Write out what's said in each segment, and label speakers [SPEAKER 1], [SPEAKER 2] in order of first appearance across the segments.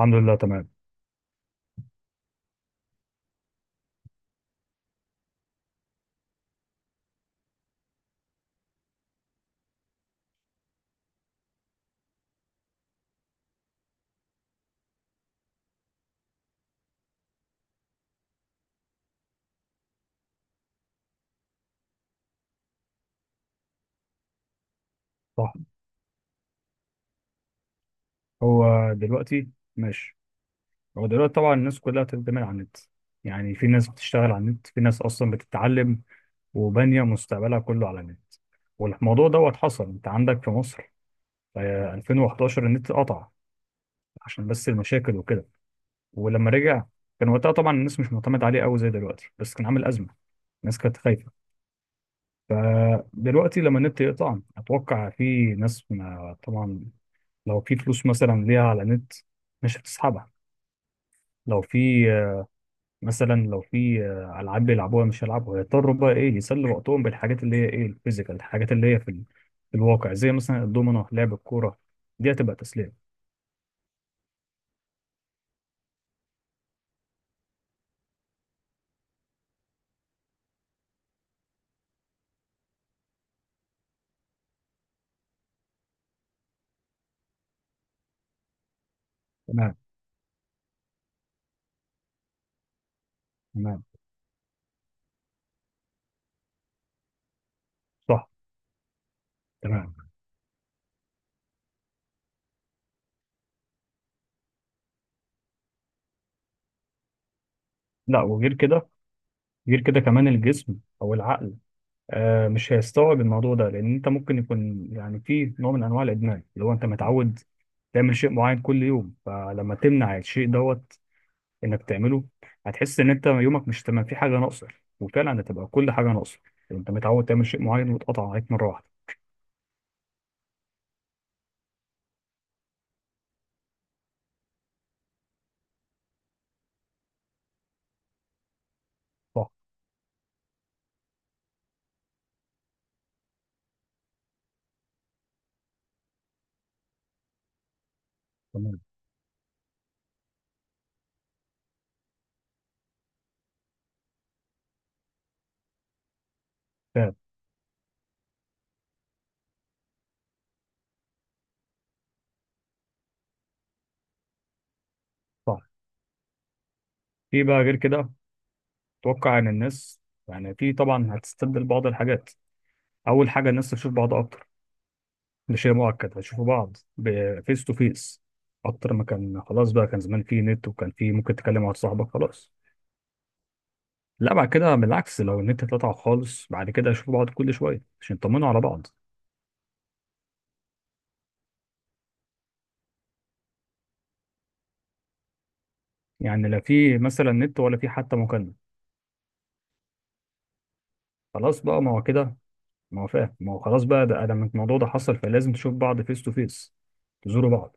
[SPEAKER 1] الحمد لله تمام. صح. هو دلوقتي ماشي. هو دلوقتي طبعا الناس كلها بتعتمد على النت، يعني في ناس بتشتغل على النت، في ناس اصلا بتتعلم وبانيه مستقبلها كله على النت. والموضوع دوت حصل انت عندك في مصر، 2011 النت قطع عشان بس المشاكل وكده. ولما رجع كان وقتها طبعا الناس مش معتمد عليه قوي زي دلوقتي، بس كان عامل أزمة. الناس كانت خايفة. فدلوقتي لما النت يقطع أتوقع في ناس، ما طبعا لو في فلوس مثلا ليها على النت مش هتسحبها. لو في آه، مثلا لو في آه، ألعاب بيلعبوها مش هيلعبوها، هيضطروا بقى إيه يسلوا وقتهم بالحاجات اللي هي إيه الفيزيكال، الحاجات اللي هي في الواقع زي مثلا الدومينو، لعب الكورة، دي هتبقى تسلية. تمام. تمام. صح. تمام. لا وغير كده، غير كده كمان الجسم او العقل آه مش هيستوعب الموضوع ده، لان انت ممكن يكون يعني في نوع من انواع الادمان، اللي هو انت متعود تعمل شيء معين كل يوم، فلما تمنع الشيء دوت انك تعمله هتحس ان انت يومك مش تمام، في حاجه ناقصه. وفعلا هتبقى كل حاجه ناقصه. انت متعود تعمل شيء معين واتقطع عليك مره واحده. صح. تمام. فاهم. صح. في بقى غير كده. اتوقع ان الناس يعني في طبعا هتستبدل بعض الحاجات. اول حاجه الناس تشوف بعض اكتر، مش هي مؤقت هتشوفوا بعض فيس تو فيس اكتر ما كان. خلاص بقى كان زمان في نت وكان في ممكن تكلم واحد صاحبك خلاص. لا، بعد كده بالعكس، لو النت اتقطع خالص بعد كده هيشوفوا بعض كل شويه عشان يطمنوا على بعض. يعني لا في مثلا نت ولا في حتى مكالمه. خلاص بقى ما هو كده. ما هو فاهم، ما هو خلاص بقى ده لما الموضوع ده حصل فلازم تشوف بعض فيس تو فيس، تزوروا بعض.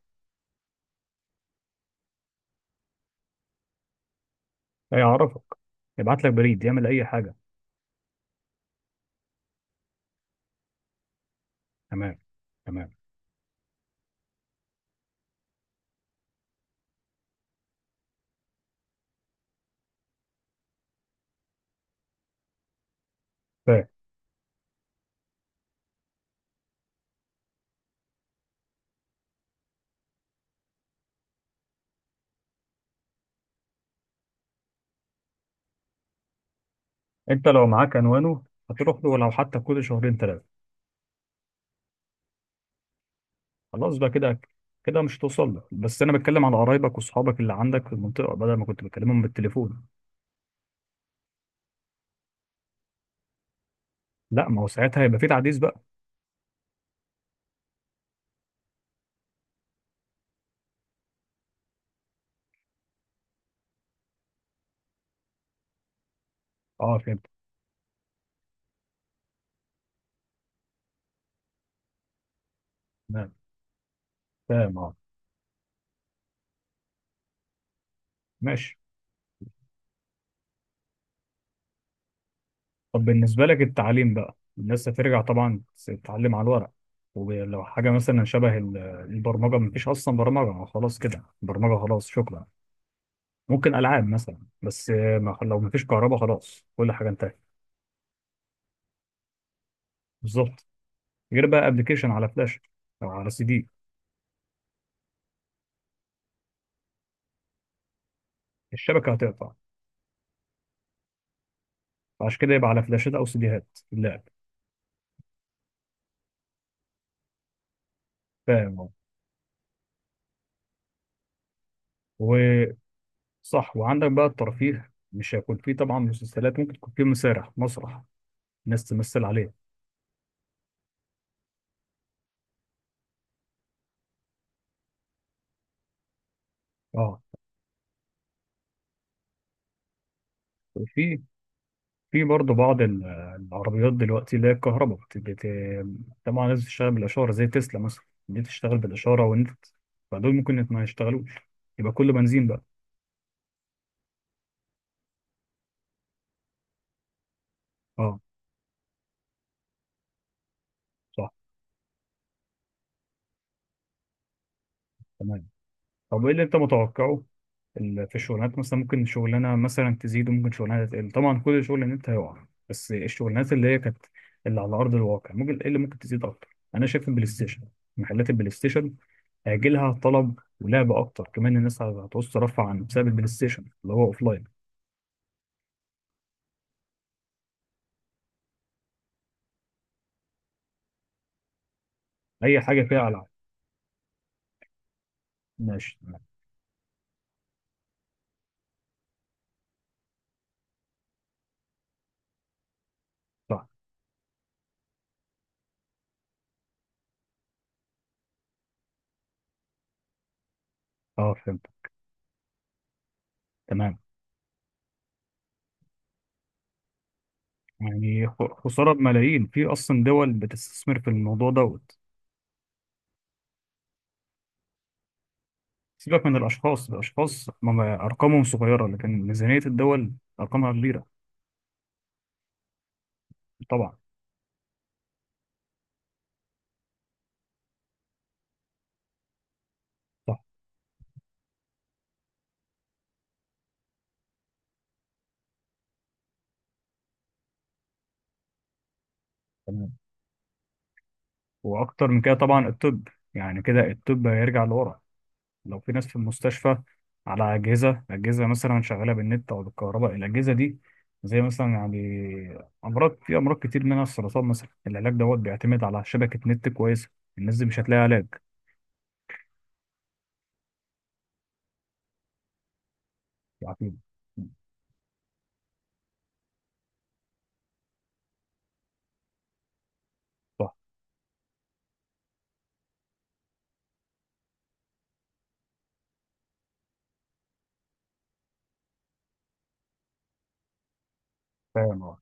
[SPEAKER 1] هيعرفك، يبعت لك بريد، يعمل اي حاجه. تمام. تمام. فاهم. انت لو معاك عنوانه هتروح له لو حتى كل شهرين ثلاثه. خلاص بقى كده. كده مش توصل لك، بس انا بتكلم على قرايبك واصحابك اللي عندك في المنطقه، بدل ما كنت بكلمهم بالتليفون. لا ما هو ساعتها هيبقى في تعديل بقى. اه، فهمت. تمام. فاهم اه. ماشي. طب بالنسبه لك التعليم بقى، الناس هترجع طبعا تتعلم على الورق. ولو حاجه مثلا شبه البرمجه، ما فيش اصلا برمجه، ما خلاص كده برمجه خلاص شكرا. ممكن العاب مثلا، بس ما لو ما فيش كهرباء خلاص كل حاجه انتهت. بالظبط. غير بقى ابلكيشن على فلاش او على سي دي. الشبكه هتقطع. عشان كده يبقى على فلاشات او سيديهات اللعب. فاهم أهو. وصح، وعندك بقى الترفيه مش هيكون فيه طبعا مسلسلات، ممكن تكون فيه مسارح، مسرح ناس تمثل عليه. اه. وفي برضه بعض العربيات دلوقتي اللي هي الكهرباء طبعا لازم تشتغل بالاشاره، زي تسلا مثلا، دي تشتغل بالاشاره والنت، فدول ممكن ما يشتغلوش. يبقى كله بنزين بقى. اه. صح. تمام. طب ايه اللي انت متوقعه في الشغلانات؟ مثلا ممكن شغلانه مثلا تزيد وممكن شغلانه تقل، طبعا كل شغل ان انت هيقع، بس الشغلانات اللي هي كانت اللي على ارض الواقع ممكن ايه اللي ممكن تزيد اكتر؟ انا شايف البلاي ستيشن، محلات البلاي ستيشن هيجي لها طلب ولعب اكتر، كمان الناس هتعوز ترفع عن بسبب البلاي ستيشن اللي هو اوف لاين. اي حاجه فيها العاب. ماشي تمام. صح. اه فهمت. تمام. يعني خساره بملايين، في اصلا دول بتستثمر في الموضوع دوت. سيبك من الأشخاص، الأشخاص أرقامهم صغيرة، لكن ميزانية الدول أرقامها كبيرة. طبعا. صح. تمام. وأكتر من كده طبعا الطب، يعني كده الطب هيرجع لورا لو في ناس في المستشفى على أجهزة، أجهزة مثلا شغالة بالنت أو بالكهرباء. الأجهزة دي زي مثلا يعني في أمراض كتير منها السرطان مثلا، العلاج دوت بيعتمد على شبكة نت كويسة، الناس دي مش هتلاقي علاج يعني. صح. فاهم اه.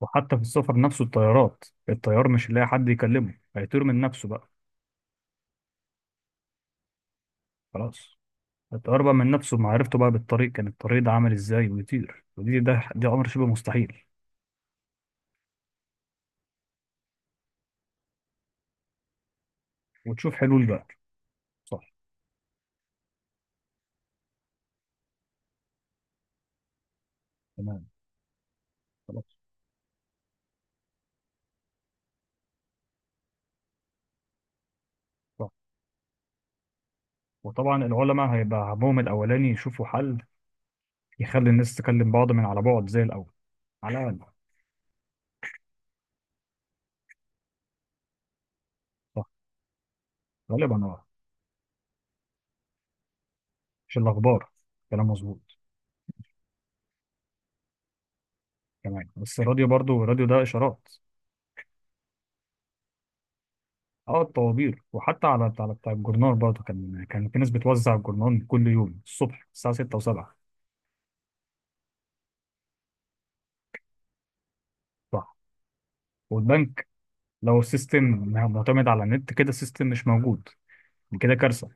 [SPEAKER 1] وحتى في السفر نفسه، الطيارات الطيار مش هيلاقي حد يكلمه، هيطير من نفسه بقى. خلاص. اتقرب من نفسه بمعرفته بقى بالطريق كان الطريق ده عامل ازاي ويطير، ودي ده دي امر شبه مستحيل. وتشوف حلول بقى. صح. تمام. خلاص. صح. وطبعا العلماء هيبقى همهم الاولاني يشوفوا حل يخلي الناس تكلم بعض من على بعد زي الاول، على الاقل. صح. غالبا اه. مش الاخبار. كلام مظبوط. تمام، بس الراديو برضو الراديو ده اشارات. اه الطوابير، وحتى على بتاع الجورنال برضه، كان في ناس بتوزع الجورنال كل يوم الصبح الساعه 6 و7. صح. والبنك لو السيستم معتمد على النت كده السيستم مش موجود. كده كارثة.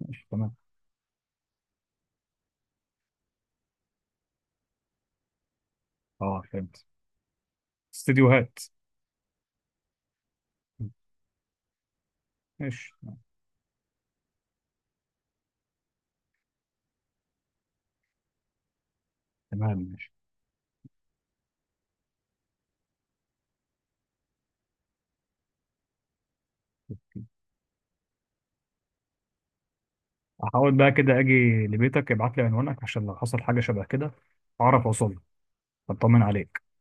[SPEAKER 1] ماشي تمام. اه فهمت. استديوهات. ماشي. تمام ماشي. هحاول بقى كده اجي لبيتك، ابعت لي عنوانك عشان لو حصل حاجة شبه كده اعرف اوصل لك، اطمن عليك.